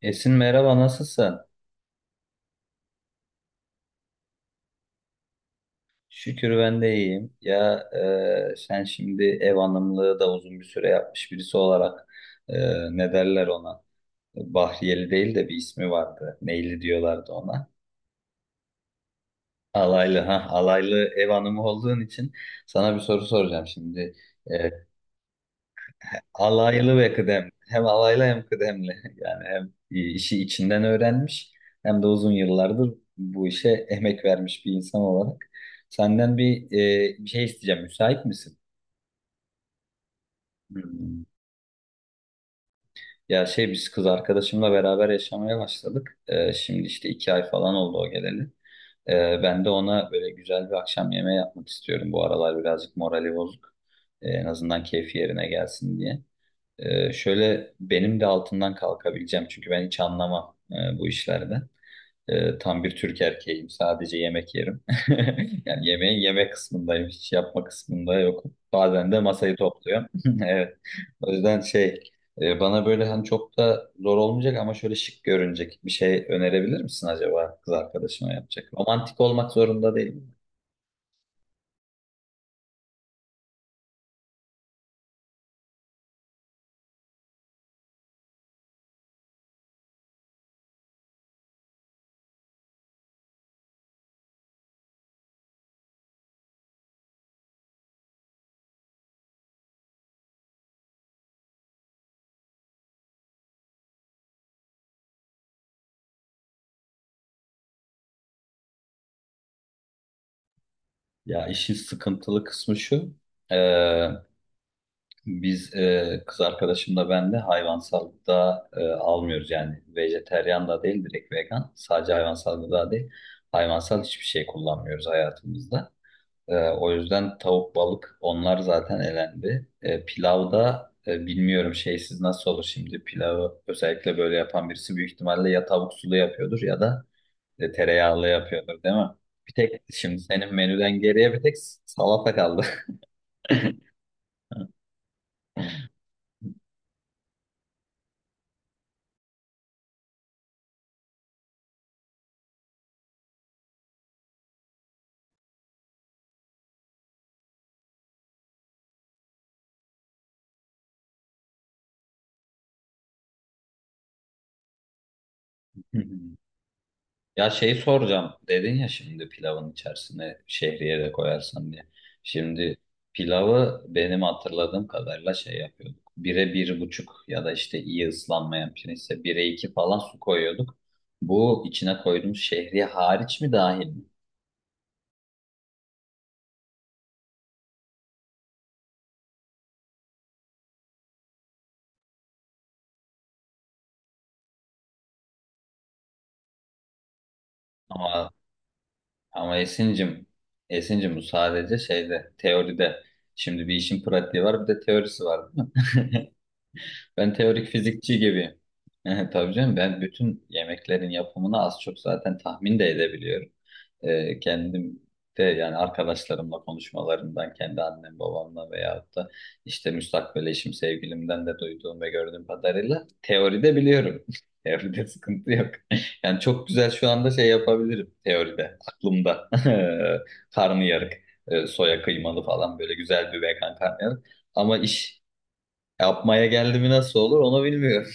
Esin, merhaba, nasılsın? Şükür ben de iyiyim. Ya, sen şimdi ev hanımlığı da uzun bir süre yapmış birisi olarak, e, ne derler ona? Bahriyeli değil de bir ismi vardı. Neyli diyorlardı ona. Alaylı, ha, alaylı ev hanımı olduğun için sana bir soru soracağım şimdi. E, Alaylı ve kıdemli. Hem alaylı hem kıdemli. Yani hem işi içinden öğrenmiş hem de uzun yıllardır bu işe emek vermiş bir insan olarak. Senden bir şey isteyeceğim. Müsait misin? Hmm. Ya, biz kız arkadaşımla beraber yaşamaya başladık. Şimdi işte 2 ay falan oldu o geleli. Ben de ona böyle güzel bir akşam yemeği yapmak istiyorum. Bu aralar birazcık morali bozuk. En azından keyfi yerine gelsin diye. Şöyle benim de altından kalkabileceğim, çünkü ben hiç anlamam bu işlerden. Tam bir Türk erkeğim. Sadece yemek yerim. Yani yemeğin yemek kısmındayım. Hiç yapma kısmında yok. Bazen de masayı topluyorum. Evet. O yüzden bana böyle, hani, çok da zor olmayacak ama şöyle şık görünecek bir şey önerebilir misin acaba, kız arkadaşıma yapacak? Romantik olmak zorunda değil. Ya, işin sıkıntılı kısmı şu. e, Biz, kız arkadaşımla, ben de hayvansallıkta almıyoruz, yani vejeteryan da değil, direkt vegan. Sadece hayvansal gıda değil, hayvansal hiçbir şey kullanmıyoruz hayatımızda. O yüzden tavuk, balık, onlar zaten elendi. Pilavda, bilmiyorum, şeysiz nasıl olur şimdi. Pilavı özellikle böyle yapan birisi büyük ihtimalle ya tavuk sulu yapıyordur ya da tereyağlı yapıyordur, değil mi? Bir tek şimdi senin menüden geriye bir tek salata kaldı. Ya, şey soracağım. Dedin ya şimdi, pilavın içerisine şehriye de koyarsan diye. Şimdi pilavı benim hatırladığım kadarıyla şey yapıyorduk. Bire bir buçuk, ya da işte iyi ıslanmayan pirinçse bire iki falan su koyuyorduk. Bu, içine koyduğumuz şehriye hariç mi dahil mi? Ama ama Esin'cim, Esin'cim, bu sadece şeyde, teoride. Şimdi bir işin pratiği var, bir de teorisi var, değil mi? Ben teorik fizikçi gibi. Tabii canım, ben bütün yemeklerin yapımını az çok zaten tahmin de edebiliyorum. Kendim de, yani arkadaşlarımla konuşmalarından, kendi annem babamla veyahut da işte müstakbel eşim sevgilimden de duyduğum ve gördüğüm kadarıyla teoride biliyorum. Teoride sıkıntı yok. Yani çok güzel şu anda şey yapabilirim teoride, aklımda. Karnıyarık, soya kıymalı falan, böyle güzel bir vegan karnıyarık. Ama iş yapmaya geldi mi nasıl olur, onu bilmiyorum.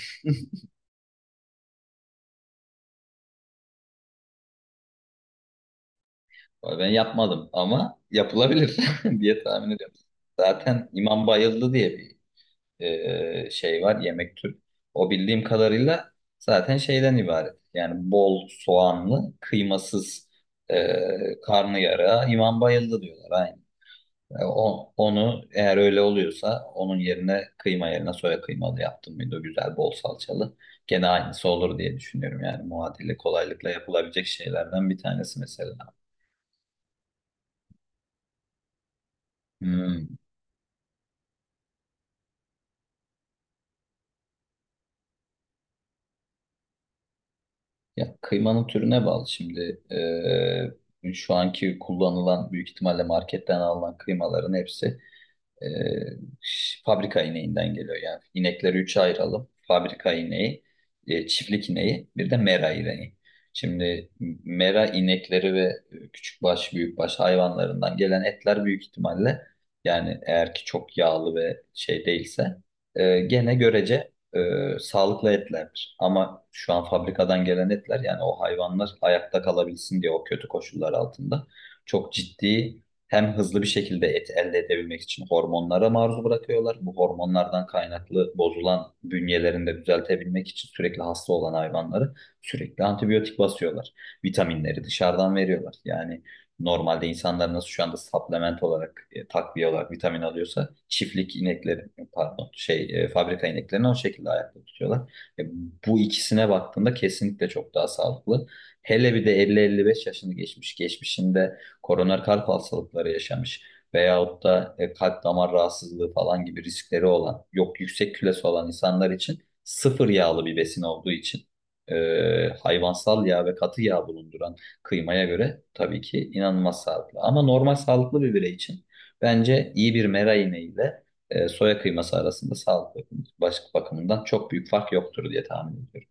Ben yapmadım ama yapılabilir diye tahmin ediyorum. Zaten İmam Bayıldı diye bir şey var, yemek türü. O, bildiğim kadarıyla zaten şeyden ibaret. Yani bol soğanlı, kıymasız karnıyara İmam Bayıldı diyorlar. Aynen. Onu eğer öyle oluyorsa, onun yerine kıyma yerine soya kıymalı yaptım mıydı, güzel bol salçalı. Gene aynısı olur diye düşünüyorum. Yani muadili kolaylıkla yapılabilecek şeylerden bir tanesi mesela. Hmm. Ya, kıymanın türüne bağlı şimdi. Şu anki kullanılan, büyük ihtimalle marketten alınan kıymaların hepsi, E, fabrika ineğinden geliyor yani. İnekleri üçe ayıralım: fabrika ineği, çiftlik ineği, bir de mera ineği. Şimdi mera inekleri ve küçük baş, büyük baş hayvanlarından gelen etler büyük ihtimalle, yani eğer ki çok yağlı ve şey değilse, gene görece sağlıklı etlerdir. Ama şu an fabrikadan gelen etler, yani o hayvanlar ayakta kalabilsin diye, o kötü koşullar altında çok ciddi, hem hızlı bir şekilde et elde edebilmek için hormonlara maruz bırakıyorlar. Bu hormonlardan kaynaklı bozulan bünyelerinde düzeltebilmek için, sürekli hasta olan hayvanları sürekli antibiyotik basıyorlar. Vitaminleri dışarıdan veriyorlar. Yani normalde insanlar nasıl şu anda supplement olarak, takviye olarak vitamin alıyorsa, çiftlik inekleri, pardon, fabrika ineklerini o şekilde ayakta tutuyorlar. E, Bu ikisine baktığında kesinlikle çok daha sağlıklı. Hele bir de 50-55 yaşını geçmişinde koroner kalp hastalıkları yaşamış veyahut da kalp damar rahatsızlığı falan gibi riskleri olan, yok yüksek kilosu olan insanlar için, sıfır yağlı bir besin olduğu için, hayvansal yağ ve katı yağ bulunduran kıymaya göre tabii ki inanılmaz sağlıklı. Ama normal sağlıklı bir birey için bence iyi bir meraine ile soya kıyması arasında sağlık bakımından çok büyük fark yoktur diye tahmin ediyorum.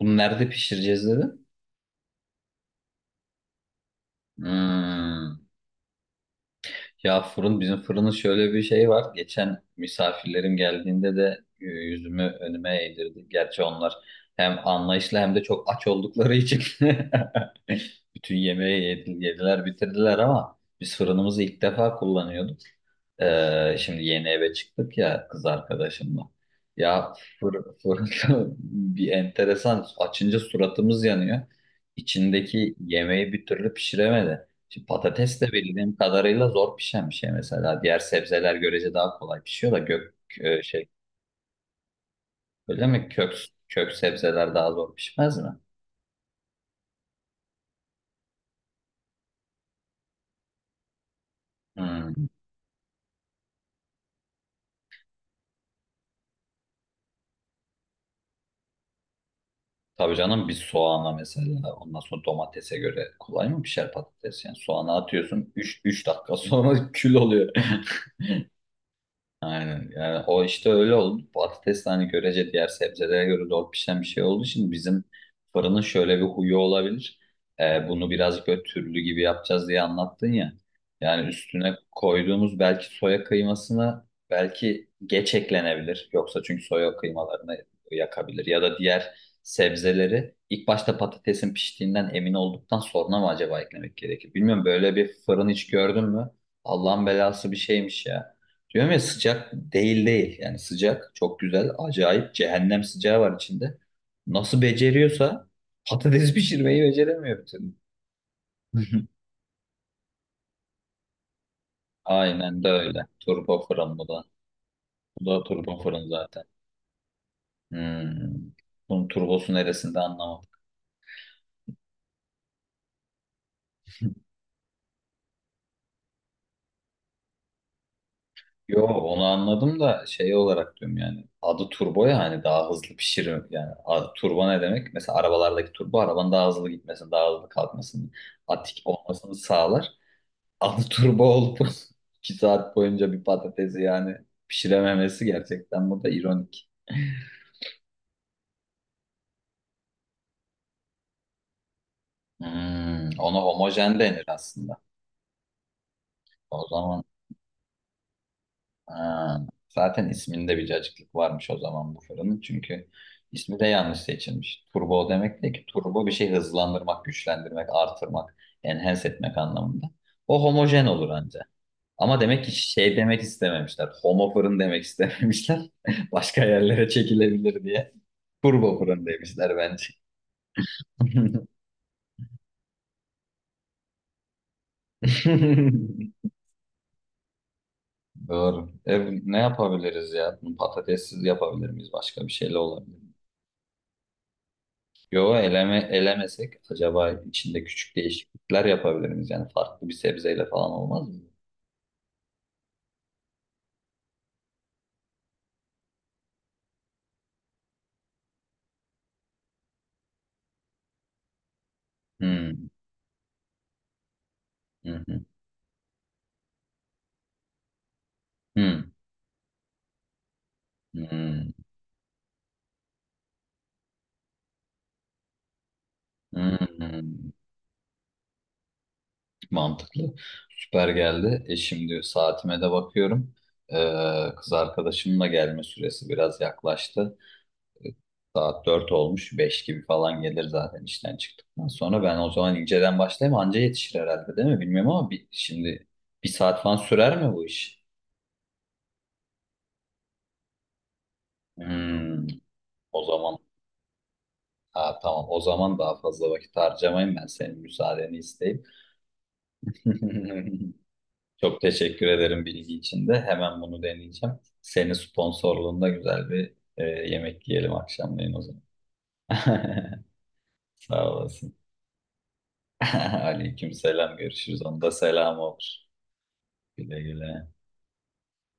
Bunu nerede pişireceğiz dedi? Hmm. Ya fırın, bizim fırının şöyle bir şey var. Geçen misafirlerim geldiğinde de yüzümü önüme eğdirdi. Gerçi onlar hem anlayışlı hem de çok aç oldukları için bütün yemeği yediler, bitirdiler, ama biz fırınımızı ilk defa kullanıyorduk. Şimdi yeni eve çıktık ya kız arkadaşımla. Ya, fırın bir enteresan. Açınca suratımız yanıyor. İçindeki yemeği bir türlü pişiremedi. Şimdi patates de bildiğim kadarıyla zor pişen bir şey mesela. Diğer sebzeler görece daha kolay pişiyor da gök e, şey öyle mi? Kök sebzeler daha zor pişmez mi? Hmm. Tabii canım, bir soğana mesela, ondan sonra domatese göre kolay mı pişer patates? Yani soğana atıyorsun, üç dakika sonra kül oluyor. Aynen. Yani o işte öyle oldu. Patates de, hani, görece diğer sebzelere göre zor pişen bir şey olduğu için, bizim fırının şöyle bir huyu olabilir. Bunu birazcık böyle türlü gibi yapacağız diye anlattın ya. Yani üstüne koyduğumuz belki, soya kıymasına belki geç eklenebilir. Yoksa çünkü soya kıymalarını yakabilir. Ya da diğer sebzeleri ilk başta, patatesin piştiğinden emin olduktan sonra mı acaba eklemek gerekir? Bilmiyorum, böyle bir fırın hiç gördün mü? Allah'ın belası bir şeymiş ya. Diyorum ya, sıcak değil. Yani sıcak çok güzel, acayip cehennem sıcağı var içinde. Nasıl beceriyorsa patates pişirmeyi beceremiyor bir türlü. Aynen de öyle. Turbo fırın bu da. Bu da turbo fırın zaten. Hmm. Bunun turbosu neresinde, anlamadım. Yo, onu anladım da şey olarak diyorum yani. Adı turbo ya, hani daha hızlı pişirir. Yani, turbo ne demek? Mesela arabalardaki turbo, arabanın daha hızlı gitmesini, daha hızlı kalkmasını, atik olmasını sağlar. Altı turbo olup 2 saat boyunca bir patatesi yani pişirememesi, gerçekten bu da ironik. Ona homojen denir aslında. O zaman, ha, zaten isminde bir cacıklık varmış o zaman bu fırının. Çünkü ismi de yanlış seçilmiş. Turbo o demek değil ki. Turbo bir şey hızlandırmak, güçlendirmek, artırmak, enhance etmek anlamında. O homojen olur anca. Ama demek ki şey demek istememişler. Homo fırın demek istememişler. Başka yerlere çekilebilir diye. Turbo fırın demişler bence. Doğru. Ne yapabiliriz ya? Bunu patatessiz yapabilir miyiz? Başka bir şeyle olabilir mi? Yo, eleme, elemesek acaba, içinde küçük değişiklikler yapabilir miyiz? Yani farklı bir sebzeyle falan olmaz mı? Hmm, hı hı, hı, hı, hı, hı. Mantıklı. Süper geldi. Şimdi saatime de bakıyorum. Kız arkadaşımın da gelme süresi biraz yaklaştı. Saat 4 olmuş, 5 gibi falan gelir zaten işten çıktıktan sonra. Ben o zaman inceden başlayayım, anca yetişir herhalde, değil mi, bilmiyorum. Ama şimdi 1 saat falan sürer mi bu iş? Hmm, O zaman, ha, tamam, o zaman daha fazla vakit harcamayayım, ben senin müsaadeni isteyip. Çok teşekkür ederim bilgi için de, hemen bunu deneyeceğim. Senin sponsorluğunda güzel bir yemek yiyelim akşamleyin o zaman. Sağ olasın. Aleyküm selam, görüşürüz. Onda selam olur. Güle güle.